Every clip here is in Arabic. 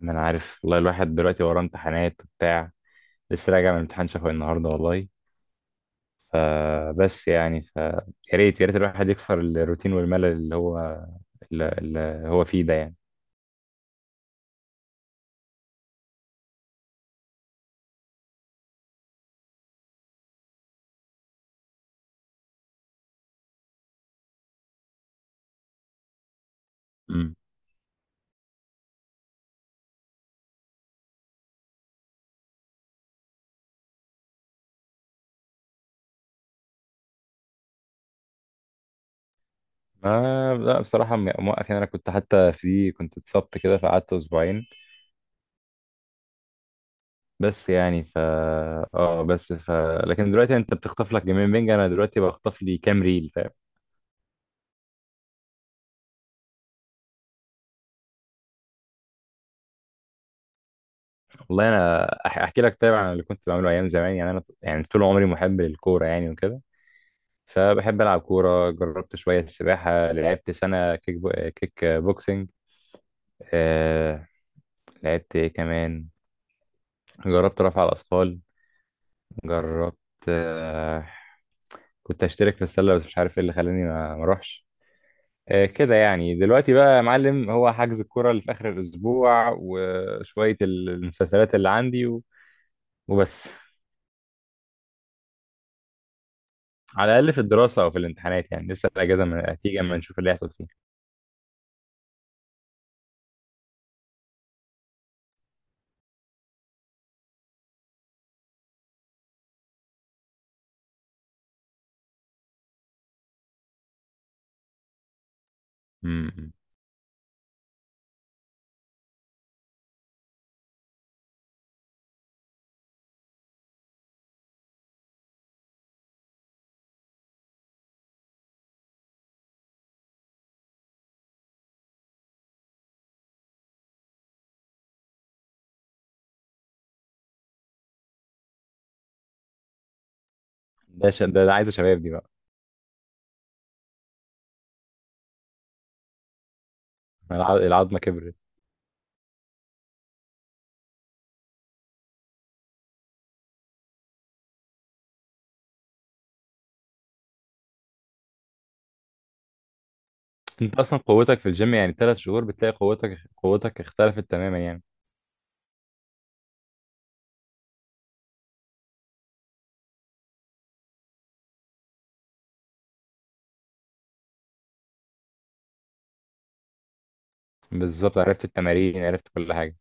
ما انا عارف والله، الواحد دلوقتي وراه امتحانات وبتاع. لسه راجع من امتحان شفوي النهارده والله. فبس يعني يا ريت يا ريت الواحد يكسر الروتين والملل اللي هو اللي هو فيه ده يعني. امم ما لا بصراحه موقف يعني. انا كنت حتى كنت اتصبت كده فقعدت اسبوعين بس يعني ف اه بس ف لكن دلوقتي انت بتخطف لك جيمين بينج، انا دلوقتي بخطف لي كام ريل، فاهم؟ والله انا احكي لك طيب عن اللي كنت بعمله ايام زمان. يعني انا طول عمري محب للكوره يعني وكده. فبحب ألعب كورة، جربت شوية سباحة، لعبت سنة كيك بوكسينج. آه... لعبت إيه كمان؟ جربت رفع الأثقال. جربت. آه... كنت أشترك في السلة بس مش عارف إيه اللي خلاني ما أروحش. آه كده يعني. دلوقتي بقى يا معلم، هو حجز الكورة اللي في آخر الأسبوع وشوية المسلسلات اللي عندي وبس. على الأقل في الدراسة أو في الامتحانات يعني لسه الأجازة هتيجي، أما نشوف اللي هيحصل فيه. مم. ده عايز شباب دي بقى. العظمة كبرت. انت اصلا قوتك في الجيم يعني 3 شهور بتلاقي قوتك اختلفت تماما يعني. بالظبط، عرفت التمارين عرفت كل حاجه.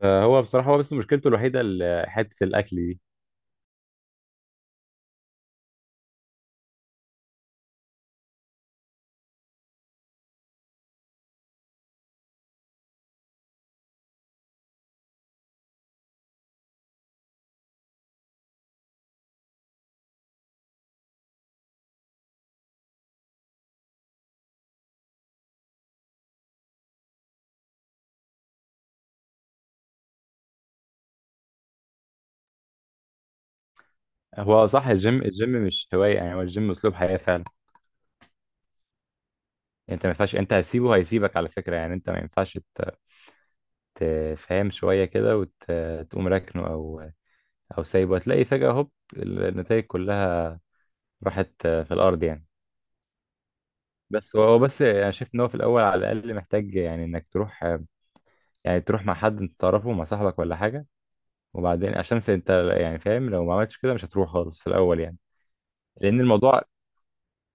فهو بصراحه، هو بس مشكلته الوحيده حته الاكل دي. هو صح، الجيم مش هوايه يعني، هو الجيم اسلوب حياه فعلا. انت ما ينفعش، انت هتسيبه هيسيبك على فكره يعني. انت ما ينفعش تفهم شويه كده وتقوم راكنه او سايبه، هتلاقي فجاه هوب النتائج كلها راحت في الارض يعني. بس هو هو بس انا شايف ان هو في الاول على الاقل محتاج، يعني انك تروح. يعني تروح مع حد انت تعرفه، مع صاحبك ولا حاجة. وبعدين عشان في انت يعني فاهم لو ما عملتش كده مش هتروح خالص في الأول يعني. لأن الموضوع...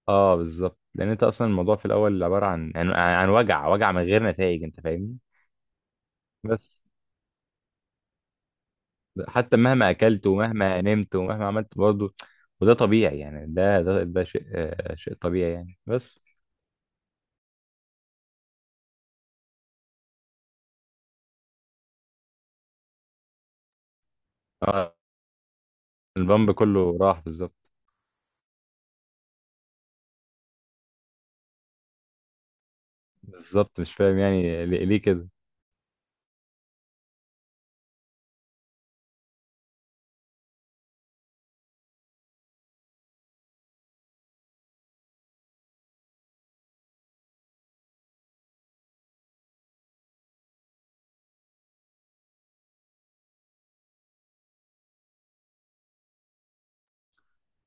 اه بالظبط. لأن انت أصلا الموضوع في الأول عبارة عن وجع من غير نتائج، انت فاهمني؟ بس حتى مهما أكلت ومهما نمت ومهما عملت برضه. وده طبيعي يعني، ده شيء شيء طبيعي يعني، بس. اه، البامب كله راح بالظبط. بالظبط مش فاهم يعني ليه كده.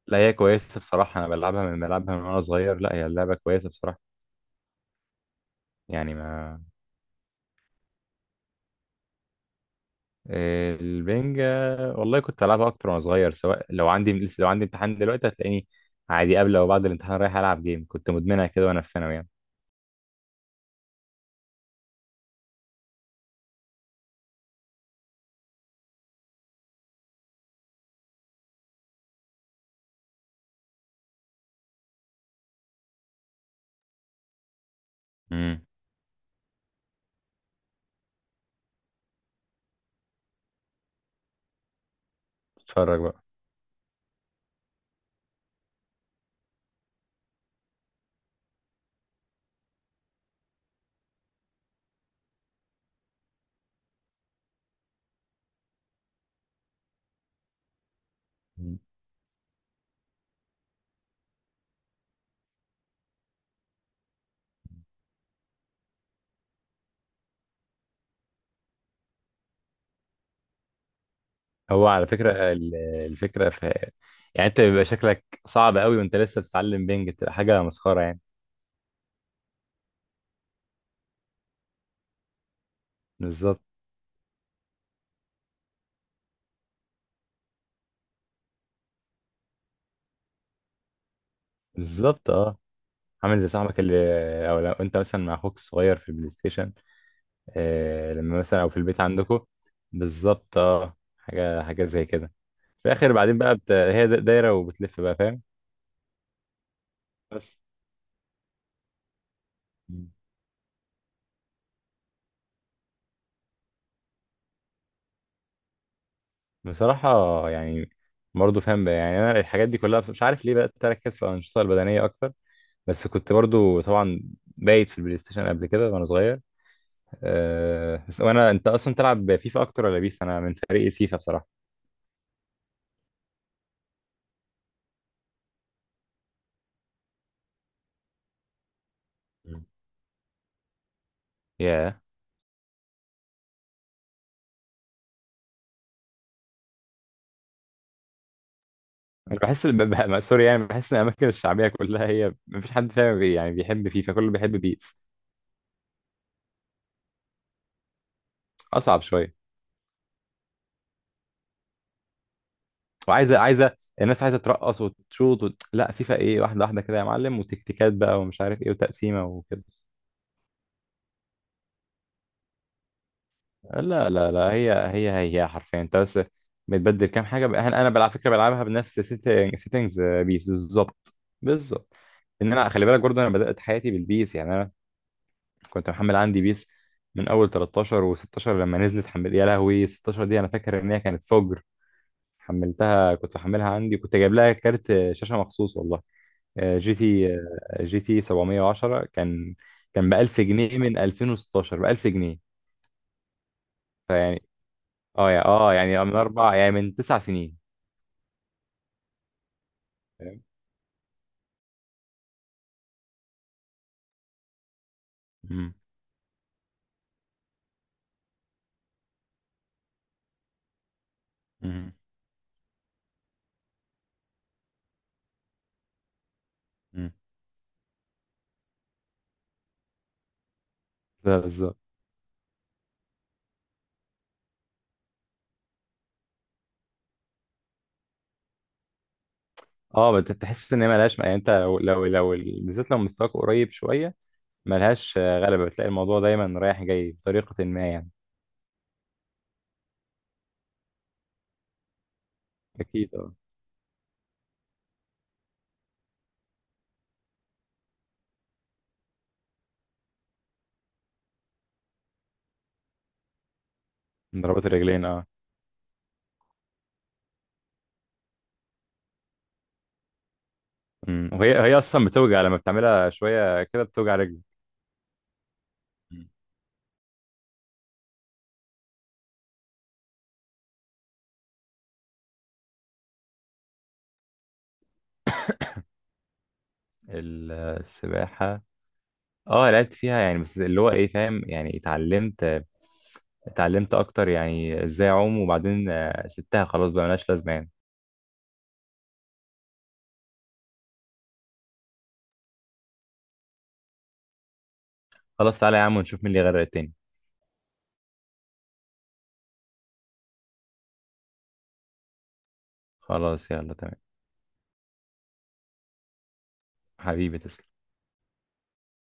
لا هي كويسة بصراحة، أنا بلعبها من وأنا صغير. لا هي اللعبة كويسة بصراحة. يعني ما البنج. والله كنت بلعبها اكتر وانا صغير. سواء لو عندي امتحان دلوقتي هتلاقيني عادي قبل او بعد الامتحان رايح العب جيم. كنت مدمنها كده وانا في ثانوي يعني. امم اتفرج بقى. مم. هو على فكره الفكره في، يعني انت بيبقى شكلك صعب قوي وانت لسه بتتعلم بنج، بتبقى حاجه مسخره يعني. بالظبط. بالظبط اه. عامل زي صاحبك اللي، لو انت مثلا مع اخوك الصغير في البلاي ستيشن. لما مثلا او في البيت عندكم. بالظبط اه، حاجه زي كده. في الاخر بعدين بقى هي دايره وبتلف بقى فاهم؟ بس. مم. بصراحه، يعني برضه فاهم بقى، يعني انا الحاجات دي كلها بس مش عارف ليه بقى اركز في الانشطه البدنيه اكتر. بس كنت برضه طبعا بايت في البلاي ستيشن قبل كده وانا صغير. آه بس وانا انت اصلا تلعب فيفا اكتر ولا بيس؟ انا من فريق الفيفا بصراحه. مم. ياه. انا بحس سوري يعني، بحس ان الاماكن الشعبيه كلها هي ما فيش حد فاهم بي يعني بيحب فيفا، كله بيحب بيس. اصعب شويه. وعايزه الناس عايزه ترقص وتشوط لا فيفا ايه، واحده واحده كده يا معلم، وتكتيكات بقى ومش عارف ايه وتقسيمه وكده. لا لا لا، هي حرفيا انت بس بتبدل كام حاجه بقى. انا على فكره بلعبها بنفس سيتنجز بيس بالظبط. بالظبط ان انا، خلي بالك برضه، انا بدات حياتي بالبيس. يعني انا كنت محمل عندي بيس من اول 13 و16. لما نزلت حمل يا لهوي، 16 دي انا فاكر ان هي كانت فجر. حملتها، كنت محملها عندي، كنت جايب لها كارت شاشه مخصوص والله. جي تي 710 كان ب 1000 جنيه، من 2016 ب 1000 جنيه. فيعني اه يا اه يعني من اربع يعني من 9 سنين، فاهم؟ مم. مم. مم. ده بالظبط. اه تحس ان هي ملهاش، يعني انت لو بالذات لو مستواك قريب شويه، ملهاش غلبة. بتلاقي الموضوع دايما رايح جاي بطريقة ما يعني. أكيد أه. من ضربات الرجلين أه. أمم. وهي أصلا بتوجع لما بتعملها شوية كده بتوجع رجلي. أمم. السباحة أه لعبت فيها يعني، بس اللي هو إيه فاهم؟ يعني اتعلمت أكتر يعني إزاي أعوم، وبعدين سبتها خلاص بقى ملهاش لازمة يعني. خلاص تعالى يا عم، ونشوف مين اللي غير التاني. خلاص يلا تمام. حبيبي تسلم.